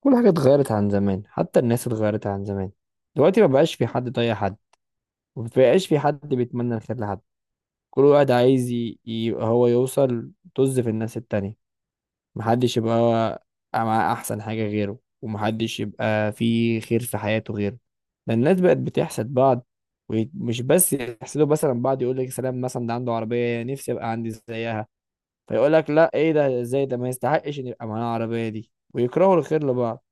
كل حاجة اتغيرت عن زمان، حتى الناس اتغيرت عن زمان. دلوقتي ما بقاش في حد طايق حد، وما بقاش في حد بيتمنى الخير لحد. كل واحد عايز يبقى هو يوصل، طز في الناس التانية. محدش يبقى هو مع أحسن حاجة غيره، ومحدش يبقى في خير في حياته غيره. ده الناس بقت بتحسد بعض، ومش بس يحسدوا مثلا بعض، يقول لك سلام مثلا ده عنده عربية نفسي أبقى عندي زيها، فيقول لك لا ايه ده؟ ازاي ده ما يستحقش ان يبقى معاه العربية دي؟ ويكرهوا الخير لبعض.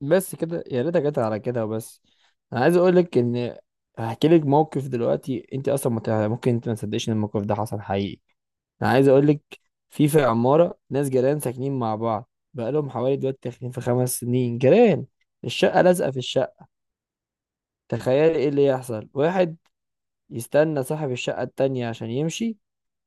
بس كده، يا ريتها جت على كده وبس. انا عايز اقول لك ان هحكي لك موقف دلوقتي، انت اصلا ممكن انت ما تصدقش ان الموقف ده حصل حقيقي. انا عايز اقول لك، في عماره ناس جيران ساكنين مع بعض بقالهم حوالي دلوقتي، داخلين في خمس سنين جيران، الشقه لازقه في الشقه. تخيلي ايه اللي يحصل، واحد يستنى صاحب الشقه التانية عشان يمشي،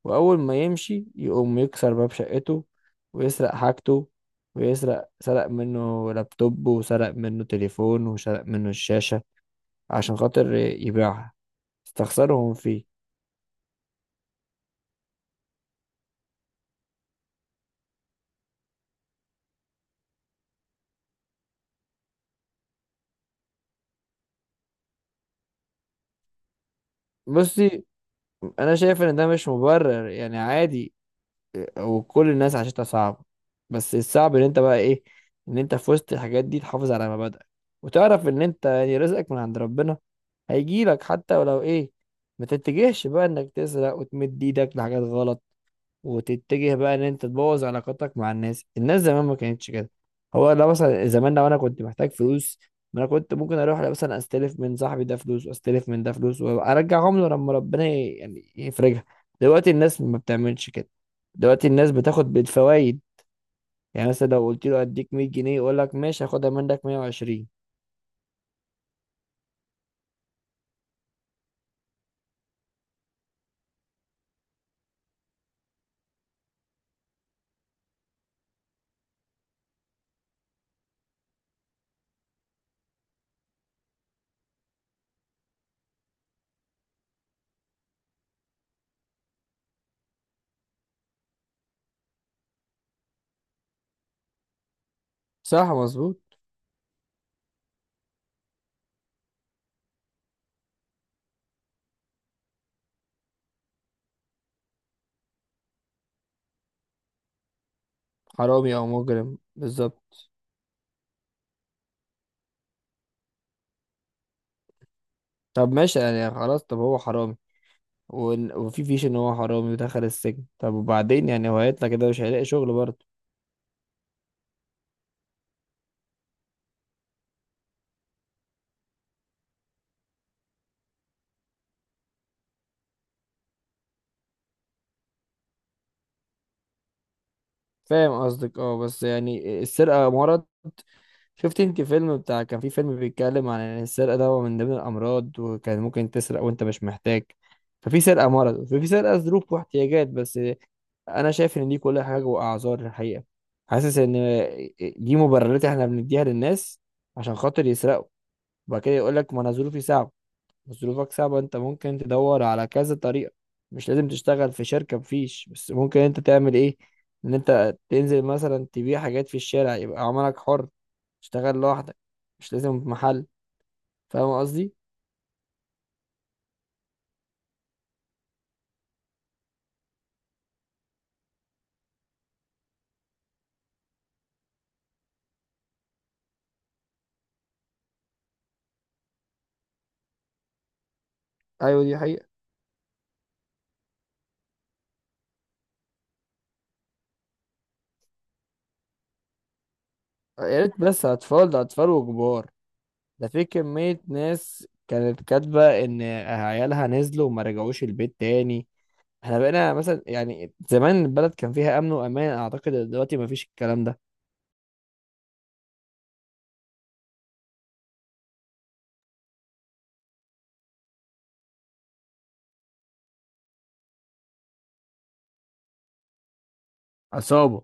وأول ما يمشي يقوم يكسر باب شقته ويسرق حاجته. ويسرق، سرق منه لابتوب وسرق منه تليفون وسرق منه الشاشة، عشان خاطر يبيعها. استخسرهم فيه. بصي، أنا شايف إن ده مش مبرر، يعني عادي، وكل الناس عاشتها صعبة. بس الصعب إن أنت بقى إيه، إن أنت في وسط الحاجات دي تحافظ على مبادئك، وتعرف إن أنت يعني رزقك من عند ربنا، هيجيلك حتى ولو إيه. ما تتجهش بقى انك تسرق وتمد ايدك لحاجات غلط، وتتجه بقى ان انت تبوظ علاقاتك مع الناس. الناس زمان ما كانتش كده. هو لو مثلا زمان، لو انا كنت محتاج فلوس، ما انا كنت ممكن اروح مثلا استلف من صاحبي ده فلوس، واستلف من ده فلوس، وارجعهم له لما ربنا يعني يفرجها. دلوقتي الناس ما بتعملش كده، دلوقتي الناس بتاخد بالفوائد. يعني مثلا لو قلت له اديك 100 جنيه، يقول لك ماشي هاخدها منك 120. صح، مظبوط. حرامي او مجرم، بالظبط. طب ماشي، يعني خلاص، طب هو حرامي، وفي فيش ان هو حرامي ودخل السجن، طب وبعدين؟ يعني هو هيطلع كده مش هيلاقي شغل برضه. فاهم قصدك، اه، بس يعني السرقة مرض. شفت انت فيلم بتاع، كان في فيلم بيتكلم عن ان السرقة ده هو من ضمن الامراض، وكان ممكن تسرق وانت مش محتاج. ففي سرقة مرض وفي سرقة ظروف واحتياجات بس. انا شايف ان دي كلها حاجة واعذار الحقيقة. حاسس ان دي مبررات احنا بنديها للناس عشان خاطر يسرقوا، وبعد كده يقول لك ما انا ظروفي صعبة. بس ظروفك صعبة، انت ممكن تدور على كذا طريقة. مش لازم تشتغل في شركة، مفيش، بس ممكن انت تعمل ايه، ان انت تنزل مثلا تبيع حاجات في الشارع، يبقى عملك حر، تشتغل لوحدك، مش لازم في محل. فاهم قصدي؟ ايوه دي حقيقة. يا ريت بس اطفال، ده اطفال وكبار. ده في كمية ناس كانت كاتبة ان عيالها نزلوا وما رجعوش البيت تاني. احنا بقينا مثلا، يعني زمان البلد كان فيها امن وامان، اعتقد إن دلوقتي مفيش الكلام ده. عصابة.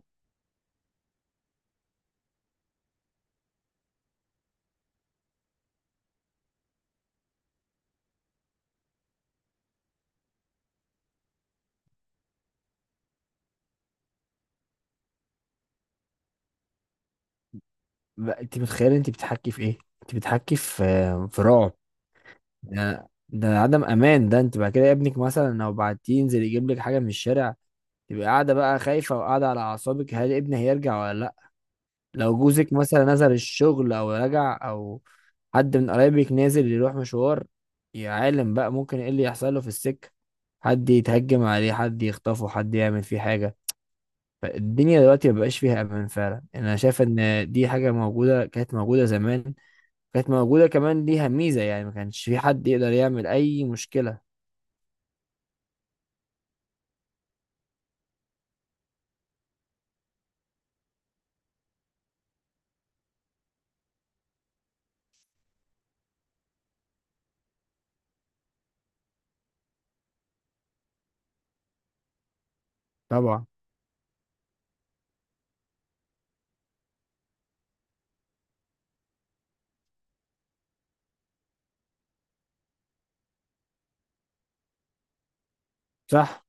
انت متخيل انت بتحكي في ايه؟ انت بتحكي في في رعب. ده عدم امان، ده انت بعد كده ابنك مثلا لو بعتيه ينزل يجيب لك حاجه من الشارع، تبقى قاعده بقى خايفه وقاعده على اعصابك، هل ابني هيرجع ولا لا؟ لو جوزك مثلا نزل الشغل او رجع، او حد من قرايبك نازل يروح مشوار، يا عالم بقى ممكن ايه اللي يحصل له في السكه؟ حد يتهجم عليه، حد يخطفه، حد يعمل فيه حاجه. فالدنيا دلوقتي مبقاش فيها امان، فعلا انا شايف ان دي حاجه موجوده، كانت موجوده زمان، كانت موجودة كمان ليها ميزة، يعني ما كانش في حد يقدر يعمل أي مشكلة. طبعا. صح.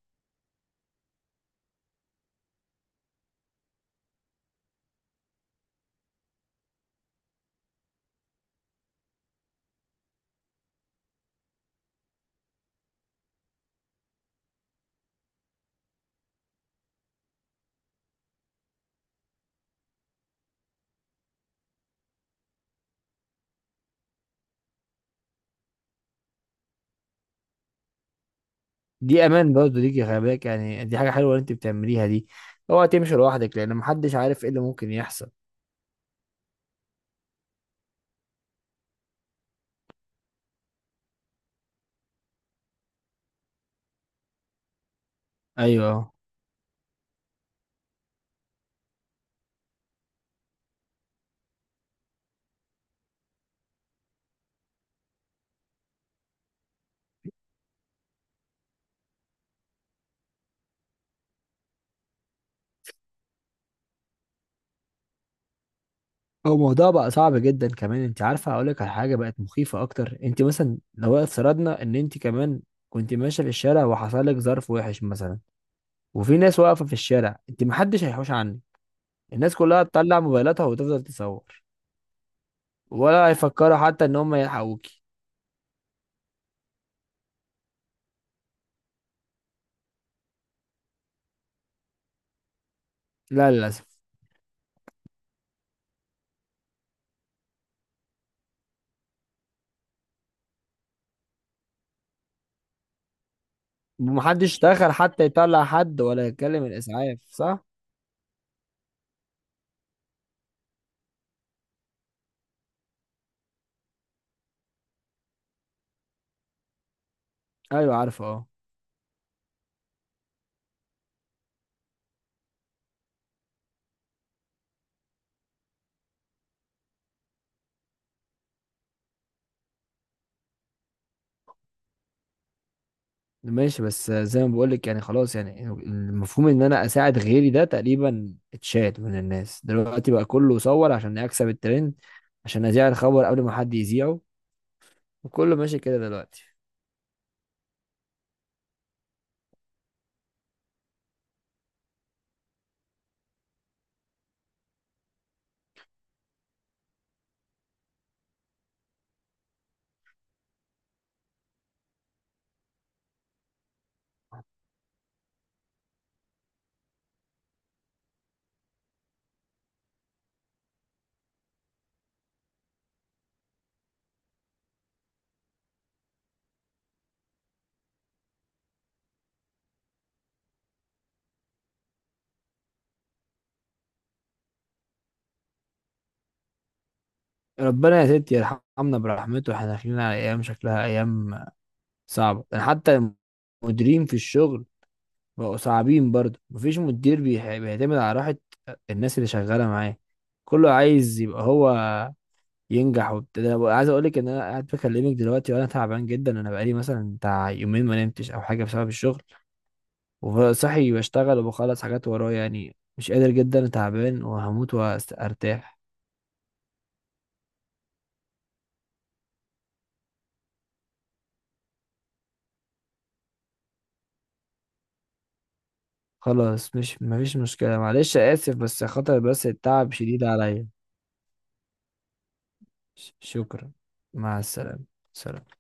دي أمان برضه ليكي، خلي بالك، يعني دي حاجة حلوة اللي أنت بتعمليها دي. اوعى تمشي لوحدك، لأن محدش عارف إيه اللي ممكن يحصل. أيوه. هو الموضوع بقى صعب جدا كمان، أنت عارفة؟ أقول لك على حاجة بقت مخيفة أكتر، أنت مثلا لو افترضنا إن أنت كمان كنت ماشية في الشارع، وحصل لك ظرف وحش مثلا، وفي ناس واقفة في الشارع، أنت محدش هيحوش عنك، الناس كلها تطلع موبايلاتها وتفضل تصور، ولا هيفكروا حتى إن هم يلحقوكي. لا للأسف. محدش دخل حتى يطلع حد، ولا يتكلم الإسعاف صح؟ أيوه عارفه أه. ماشي، بس زي ما بقولك، يعني خلاص، يعني المفهوم إن أنا أساعد غيري ده تقريبا اتشال من الناس دلوقتي، بقى كله صور عشان أكسب الترند، عشان أذيع الخبر قبل ما حد يذيعه. وكله ماشي كده دلوقتي. ربنا يا ستي يرحمنا برحمته، احنا داخلين على أيام شكلها أيام صعبة، يعني حتى المديرين في الشغل بقوا صعبين برضه، مفيش مدير بيعتمد على راحة الناس اللي شغالة معاه، كله عايز يبقى هو ينجح وبتاع. ده أنا عايز اقول لك ان انا قاعد بكلمك دلوقتي وانا تعبان جدا، انا بقالي مثلا بتاع يومين ما نمتش او حاجه بسبب الشغل، وصحي بشتغل وبخلص حاجات ورايا، يعني مش قادر جدا، تعبان وهموت وارتاح. خلاص مش مفيش مشكله، معلش اسف، بس خاطر بس التعب شديد عليا. شكرا. مع السلامه. سلام.